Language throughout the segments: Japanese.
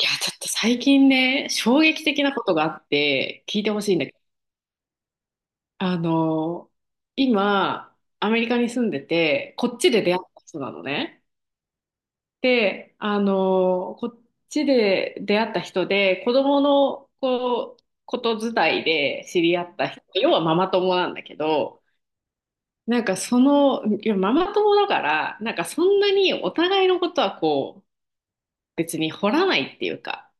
いや、ちょっと最近ね、衝撃的なことがあって、聞いてほしいんだけど、あの、今、アメリカに住んでて、こっちで出会った人なのね。で、こっちで出会った人で、子供のこう、こと伝いで知り合った人、要はママ友なんだけど、なんかその、いや、ママ友だから、なんかそんなにお互いのことはこう、別に掘らないっていうか、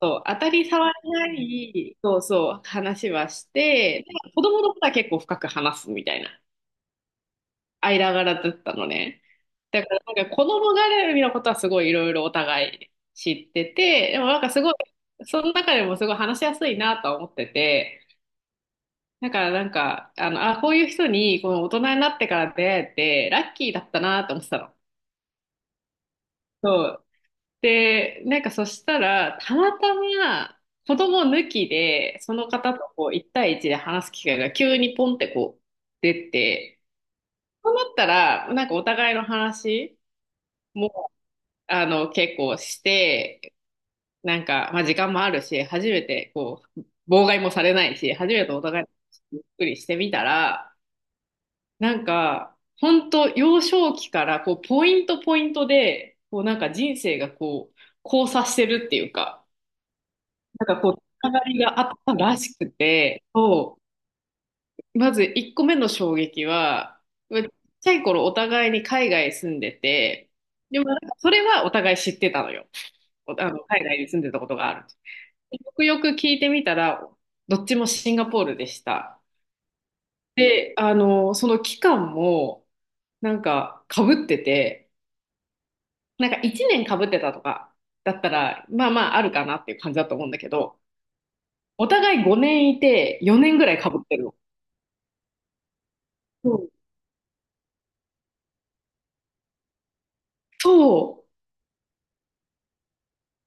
そう、当たり障りない、そうそう、話はして、なんか子供のことは結構深く話すみたいな、間柄だったのね。だから、なんか子供絡みのことはすごいいろいろお互い知ってて、でもなんかすごい、その中でもすごい話しやすいなとは思ってて、だからなんか、こういう人にこの大人になってから出会えて、ラッキーだったなと思ってたの。そうで、なんかそしたら、たまたま子供抜きで、その方とこう1対一で話す機会が急にポンってこう出て、そうなったら、なんかお互いの話も、結構して、なんか、まあ時間もあるし、初めてこう、妨害もされないし、初めてお互いの話ゆっくりしてみたら、なんか、本当幼少期からこう、ポイントポイントで、こうなんか人生がこう、交差してるっていうか、なんかこう、つながりがあったらしくて、そう、まず1個目の衝撃は、まあちっちゃい頃お互いに海外住んでて、でもなんかそれはお互い知ってたのよ。おあの、海外に住んでたことがある。でよくよく聞いてみたら、どっちもシンガポールでした。で、その期間も、なんか、かぶってて、なんか1年かぶってたとか、だったら、まあまああるかなっていう感じだと思うんだけど、お互い5年いて、4年ぐらいかぶってるの。そう、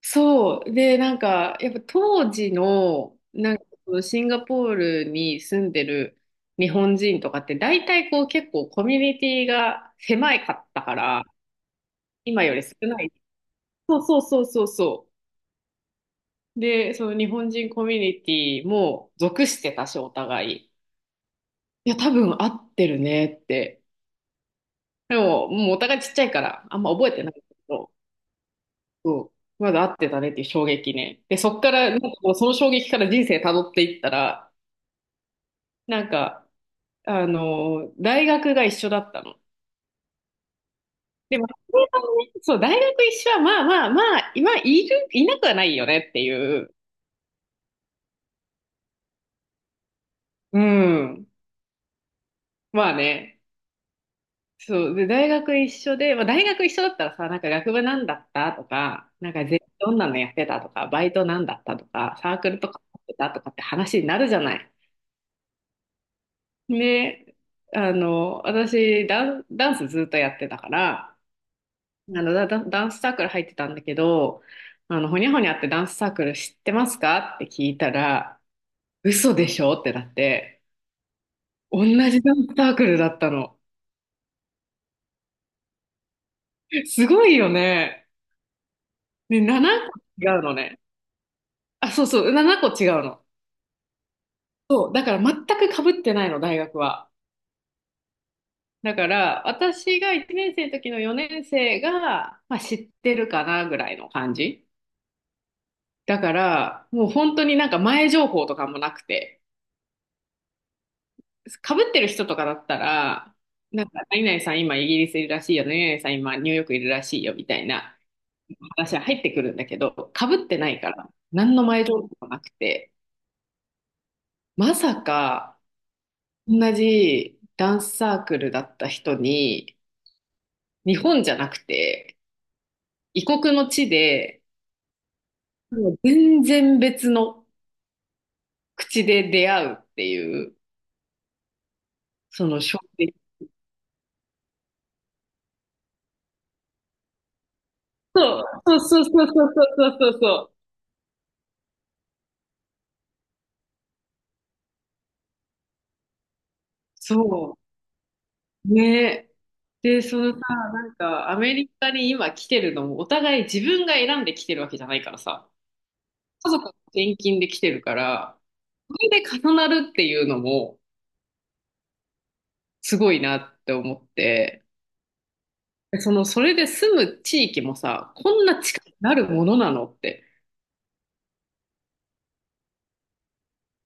そう。で、なんか、やっぱ当時の、なんか、シンガポールに住んでる日本人とかって、大体こう結構コミュニティが狭いかったから、今より少ない。そうそうそうそうそう。で、その日本人コミュニティも属してたし、お互い。いや、多分合ってるねって。でも、もうお互いちっちゃいから、あんま覚えてないけど。そう。まだ合ってたねっていう衝撃ね。で、そっから、なんかもうその衝撃から人生辿っていったら、なんか、大学が一緒だったの。でも、それがねそう、大学一緒は、まあまあまあ、今、いる、いなくはないよねっていう。うん。まあね。そう。で、大学一緒で、まあ大学一緒だったらさ、なんか学部なんだったとか、なんかぜどんなのやってたとか、バイトなんだったとか、サークルとかやってたとかって話になるじゃない。で、私ダンスずっとやってたから、ダンスサークル入ってたんだけど、ほにゃほにゃってダンスサークル知ってますか？って聞いたら、嘘でしょってなって、同じダンスサークルだったの。すごいよね。ね、7個違うのね。あ、そうそう、7個違うの。そう、だから全く被ってないの、大学は。だから、私が1年生の時の4年生が、まあ、知ってるかなぐらいの感じ。だから、もう本当になんか前情報とかもなくて、被ってる人とかだったら、なんか、何々さん今イギリスいるらしいよね、何々さん今ニューヨークいるらしいよ、みたいな話は入ってくるんだけど、被ってないから、何の前情報もなくて、まさか、同じダンスサークルだった人に、日本じゃなくて、異国の地で、もう全然別の口で出会うっていう、その衝撃。そう、そうそうそうそうそうそうそうそう。そう。ね。で、そのさ、なんか、アメリカに今来てるのも、お互い自分が選んで来てるわけじゃないからさ、家族の転勤で来てるから、それで重なるっていうのも、すごいなって思って、でその、それで住む地域もさ、こんな近くなるものなのって。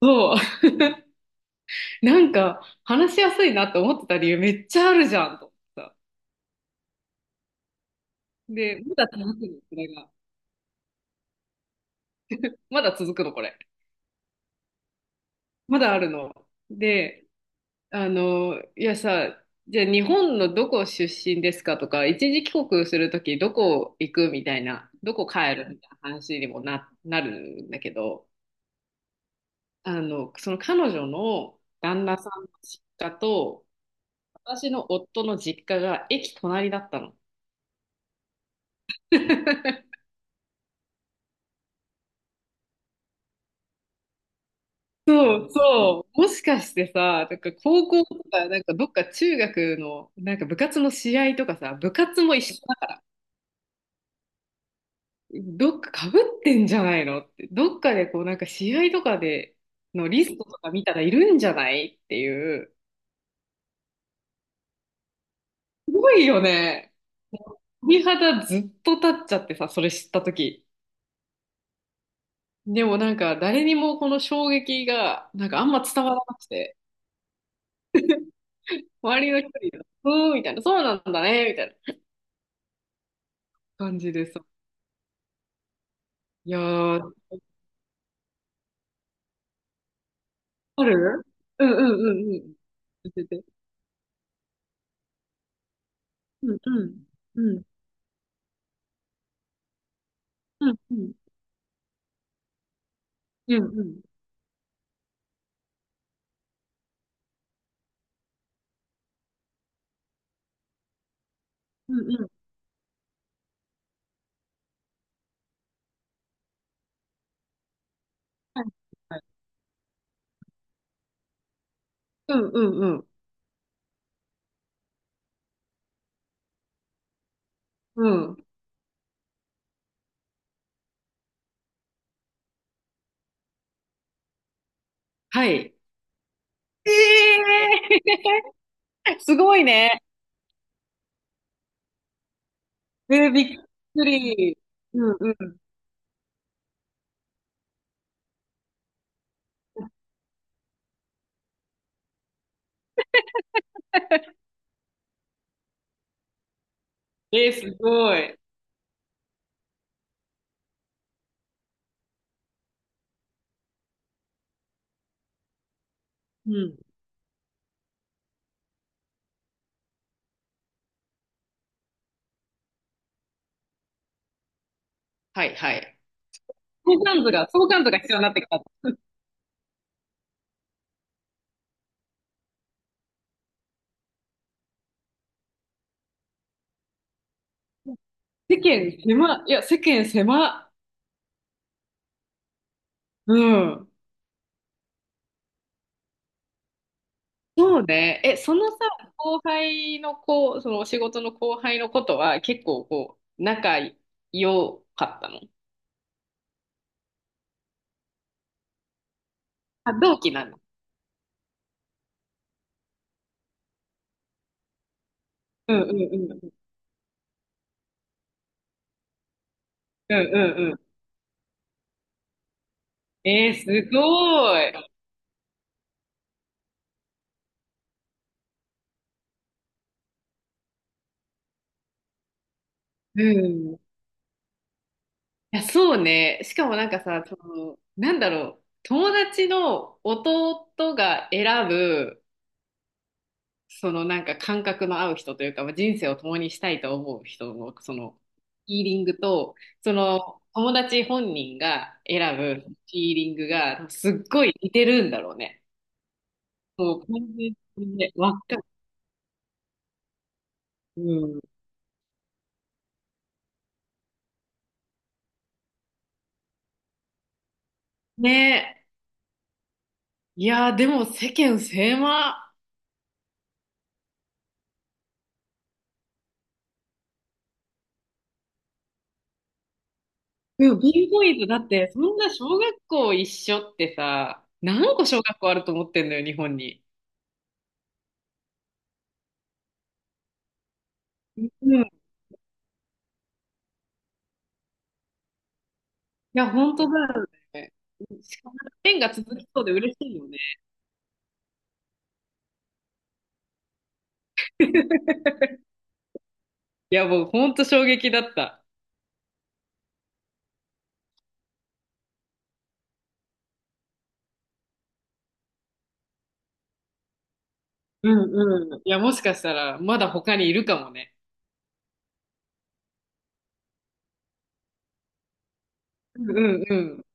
そう。なんか、話しやすいなって思ってた理由めっちゃあるじゃん、と思ってさ。で、まだ続くの、これが。まだ続くの、これ。まだあるの。で、いやさ、じゃあ日本のどこ出身ですかとか、一時帰国するときどこ行くみたいな、どこ帰るみたいな話にもな、なるんだけど、その彼女の旦那さんの実家と、私の夫の実家が駅隣だったの。そうそう。もしかしてさ、なんか高校とか、なんかどっか中学の、なんか部活の試合とかさ、部活も一緒だどっか被ってんじゃないのって、どっかでこうなんか試合とかでのリストとか見たらいるんじゃないっていう。すごいよね。鳥肌ずっと立っちゃってさ、それ知った時でもなんか誰にもこの衝撃がなんかあんま伝わらなくて、周りの人に、うーんみたいな、そうなんだね、みたいな感じでさ。いやー、あるうんうんうんうん。教えて。うんうん。うんうんうん。うんうん。うんうん。はいはいうんうんうんうん。はい。ええー すごいね。えー、びっくり。うんうん。えー、すごい。うん。はいはい。相関図が、相関図が必要になってきた。世間狭、いや、世間狭。うん。そうね。え、そのさ、後輩の子、そのお仕事の後輩のことは結構こう、仲良かったのあ、同期なの。うんうんうん。うんうんうん。えー、すごい。うん。いや、そうね。しかもなんかさ、その、なんだろう。友達の弟が選ぶ、そのなんか感覚の合う人というか、まあ、人生を共にしたいと思う人の、その、ヒーリングと、その、友達本人が選ぶヒーリングが、すっごい似てるんだろうね。もう、完全にね、わかる。うん。ねえ。いやー、でも世間狭。でも、ビーボーイズだって、そんな小学校一緒ってさ、何個小学校あると思ってんのよ、日本に。うん。いや、本当だよね。しかも、縁が続きそうで嬉しいよね。いや、僕、本当衝撃だった。うんうん。いや、もしかしたら、まだ他にいるかもね。うんうんうん。